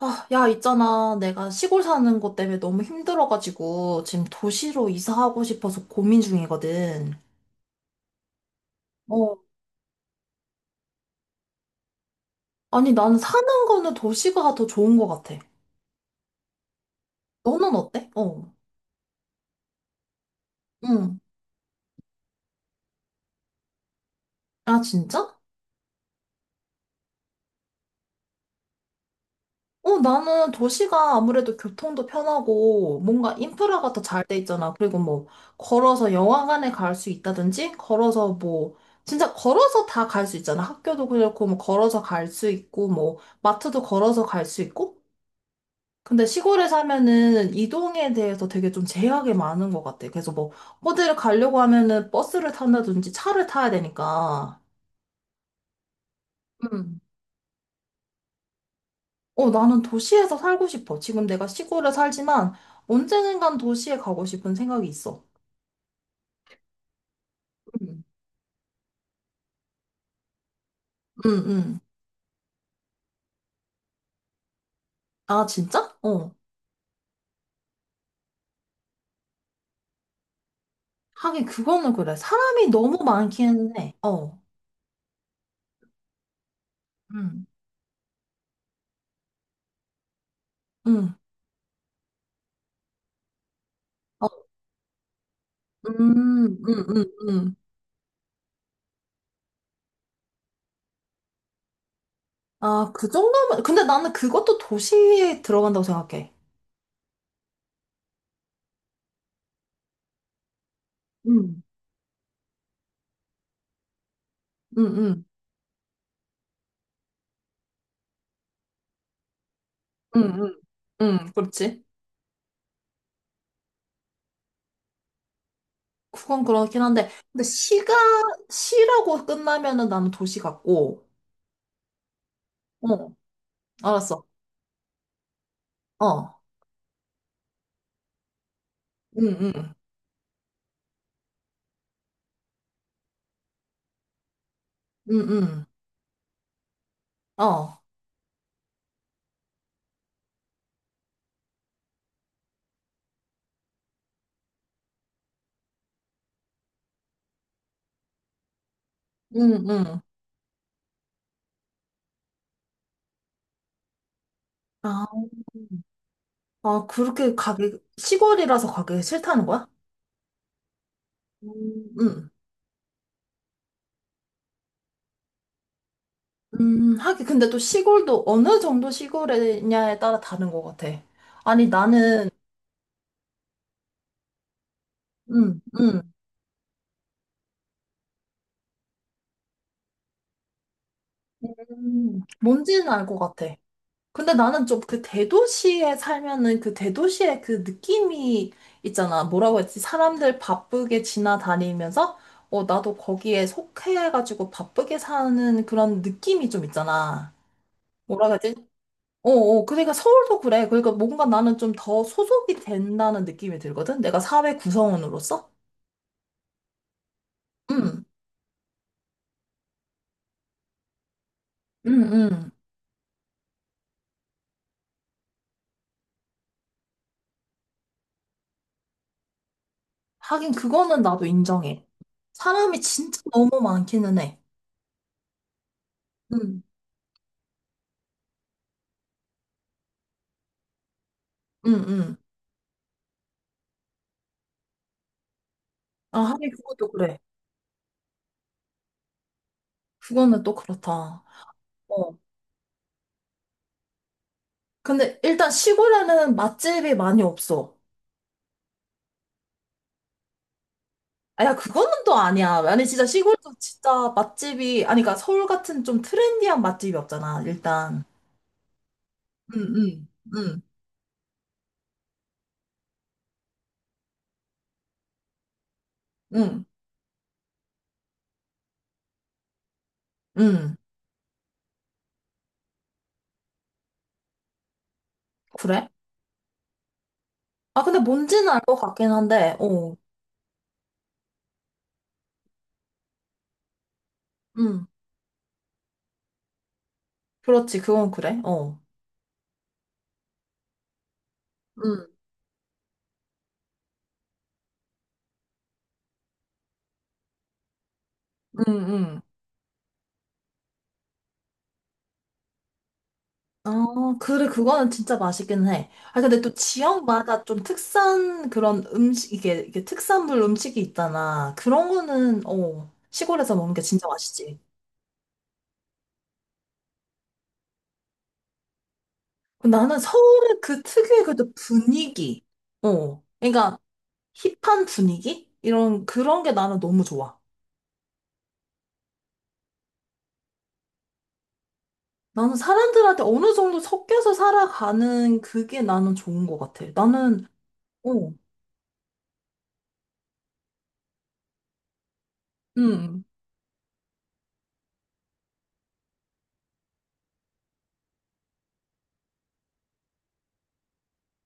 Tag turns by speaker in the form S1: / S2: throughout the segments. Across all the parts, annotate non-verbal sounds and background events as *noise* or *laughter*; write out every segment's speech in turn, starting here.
S1: 아, 야, 있잖아. 내가 시골 사는 것 때문에 너무 힘들어가지고 지금 도시로 이사하고 싶어서 고민 중이거든. 어. 아니, 나는 사는 거는 도시가 더 좋은 것 같아. 너는 어때? 어. 응. 아, 진짜? 어, 나는 도시가 아무래도 교통도 편하고 뭔가 인프라가 더 잘 돼 있잖아. 그리고 뭐 걸어서 영화관에 갈 수 있다든지 걸어서 뭐 진짜 걸어서 다 갈 수 있잖아. 학교도 그렇고 뭐 걸어서 갈 수 있고 뭐 마트도 걸어서 갈 수 있고 근데 시골에 사면은 이동에 대해서 되게 좀 제약이 많은 것 같아. 그래서 뭐, 어디를 가려고 하면은 버스를 탄다든지 차를 타야 되니까. 음. 어, 나는 도시에서 살고 싶어. 지금 내가 시골에 살지만 언젠간 도시에 가고 싶은 생각이 있어. 음. 응, 응. 아, 진짜? 어. 하긴 그거는 그래. 사람이 너무 많기는 해. 어. 응, 응. 어, 음, 음, 음, 음. 아, 그 정도면. 근데 나는 그것도 도시에 들어간다고 생각해. 음. 응, 응, 응, 응, 응, 그렇지. 그건 그렇긴 한데, 근데 시가, 시라고 끝나면은 나는 도시 같고, 어, 알았어. 어, 응, 응, 응, 응, 어, 응, 응. 아, 아, 그렇게 가기, 시골이라서 가기 싫다는 거야? 음, 음, 하긴 근데 또 시골도 어느 정도 시골이냐에 따라 다른 것 같아. 아니, 나는, 음, 음, 뭔지는 알 것 같아. 근데 나는 좀 그 대도시에 살면은 그 대도시의 그 느낌이 있잖아. 뭐라고 했지? 사람들 바쁘게 지나다니면서, 어, 나도 거기에 속해가지고 바쁘게 사는 그런 느낌이 좀 있잖아. 뭐라고 했지? 어, 어, 그러니까 서울도 그래. 그러니까 뭔가 나는 좀 더 소속이 된다는 느낌이 들거든. 내가 사회 구성원으로서. 응, 응, 응. 하긴 그거는 나도 인정해. 사람이 진짜 너무 많기는 해. 응, 응, 응. 아, 하긴 그것도 그래. 그거는 또 그렇다. 어. 근데 일단 시골에는 맛집이 많이 없어. 아, 야, 그거는 또 아니야. 아니, 진짜 시골도 진짜 맛집이, 아니, 그러니까 서울 같은 좀 트렌디한 맛집이 없잖아, 일단. 응, 응, 응, 응, 응. 그래? 아, 근데 뭔지는 알 것 같긴 한데, 어. 응. 그렇지, 그건 그래. 어. 응, 응, 응. 어, 그래, 그거는 진짜 맛있긴 해. 아, 근데 또 지역마다 좀 특산 그런 음식, 이게, 이게 특산물 음식이 있잖아. 그런 거는, 어, 시골에서 먹는 게 진짜 맛있지. 근데 나는 서울의 그 특유의 그 분위기, 어, 그러니까 힙한 분위기? 이런, 그런 게 나는 너무 좋아. 나는 사람들한테 어느 정도 섞여서 살아가는 그게 나는 좋은 것 같아. 나는, 어, 음.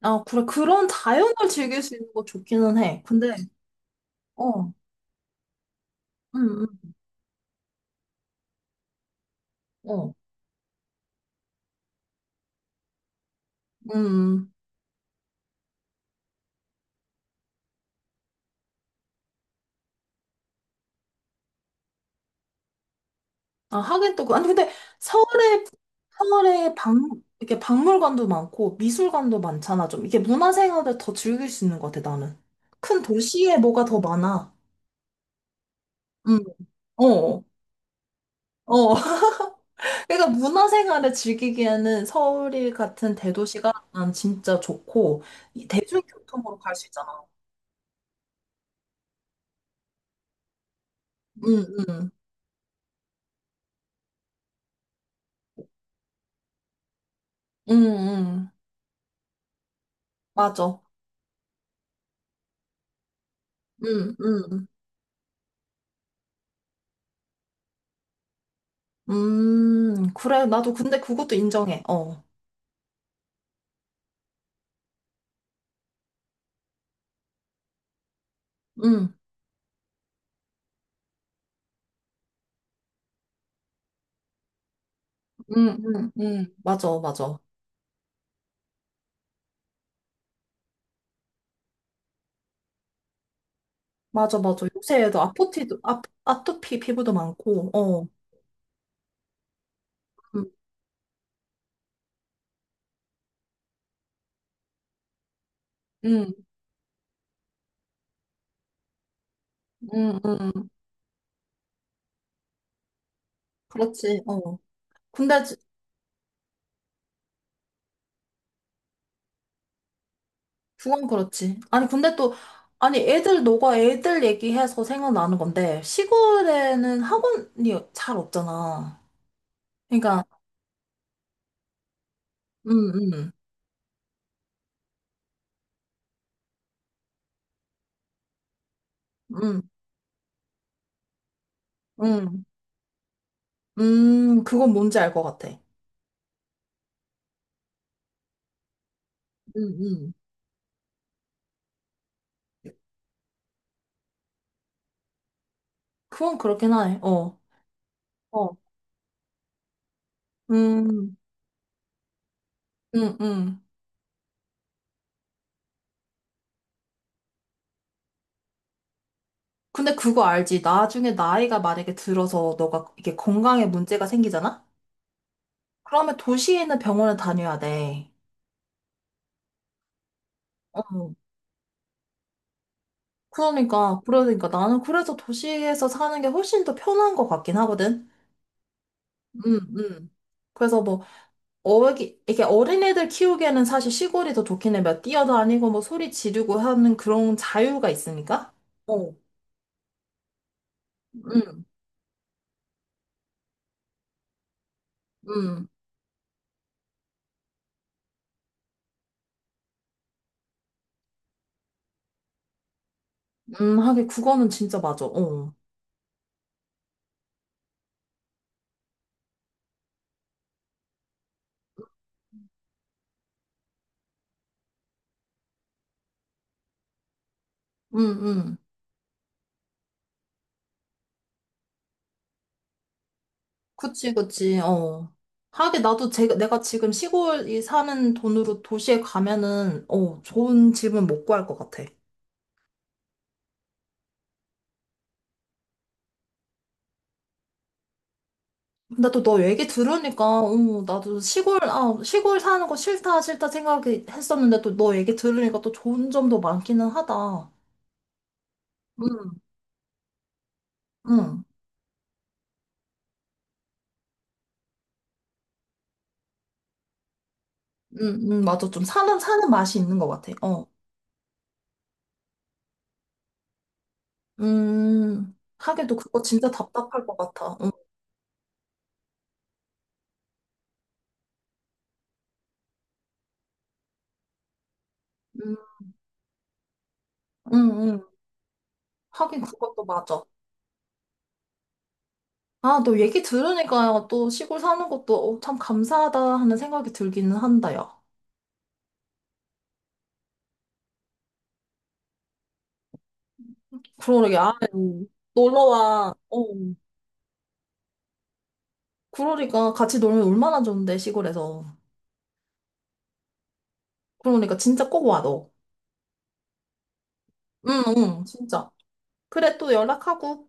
S1: 아, 그래, 그런 자연을 즐길 수 있는 거 좋기는 해. 근데, 어. 음, 음, 어. 음. 아, 하긴 또, 그- 아니, 근데 서울에, 서울에 박, 이렇게 박물관도 많고 미술관도 많잖아, 좀. 이게 문화생활을 더 즐길 수 있는 것 같아, 나는. 큰 도시에 뭐가 더 많아. 음, 어, 어. *laughs* 그러니까 문화생활을 즐기기에는 서울 같은 대도시가 난 진짜 좋고, 이 대중교통으로 갈 수 있잖아. 응, 응, 응, 응, 응. 맞아. 응, 응, 그래. 나도 근데 그것도 인정해. 어. 응. 응응응 맞아, 맞아. 맞아, 맞아. 요새 애들 아포티도, 아, 아토피 피부도 많고, 어. 응응응응 그렇지, 어. 근데, 지- 그건 그렇지. 아니, 근데 또, 아니, 애들, 너가 애들 얘기해서 생각나는 건데, 시골에는 학원이 잘 없잖아. 그러니까, 응응응응응 그건 뭔지 알 것 같아. 응응 그건 그렇긴 하네, 어. 어. 음, 음, 음. 근데 그거 알지? 나중에 나이가 만약에 들어서 너가 이게 건강에 문제가 생기잖아? 그러면 도시에 있는 병원을 다녀야 돼. 어. 그러니까, 그러니까 나는 그래서 도시에서 사는 게 훨씬 더 편한 것 같긴 하거든. 음, 음. 그래서 뭐, 어기, 이게 어린애들 키우기에는 사실 시골이 더 좋긴 해. 막 뛰어다니고 뭐 소리 지르고 하는 그런 자유가 있으니까. 어, 음, 음, 하긴 그거는 진짜 맞아. 어, 음, 음. 그치, 그치, 어. 하긴 나도 제, 내가 지금 시골이 사는 돈으로 도시에 가면은, 어, 좋은 집은 못 구할 것 같아. 근데 또 너 얘기 들으니까, 어, 나도 시골, 아, 시골 사는 거 싫다, 싫다 생각했었는데 또 너 얘기 들으니까 또 좋은 점도 많기는 하다. 응, 응, 응, 응, 맞아. 좀 사는, 사는 맛이 있는 것 같아. 어. 하긴 또 그거 진짜 답답할 것 같아. 응, 응, 응. 응. 하긴 그것도 맞아. 아, 너 얘기 들으니까 또 시골 사는 것도 어, 참 감사하다 하는 생각이 들기는 한다, 야. 그러게, 아, 놀러와. 어. 그러니까 같이 놀면 얼마나 좋은데, 시골에서. 그러니까 진짜 꼭 와, 너. 응, 응, 진짜. 그래, 또 연락하고.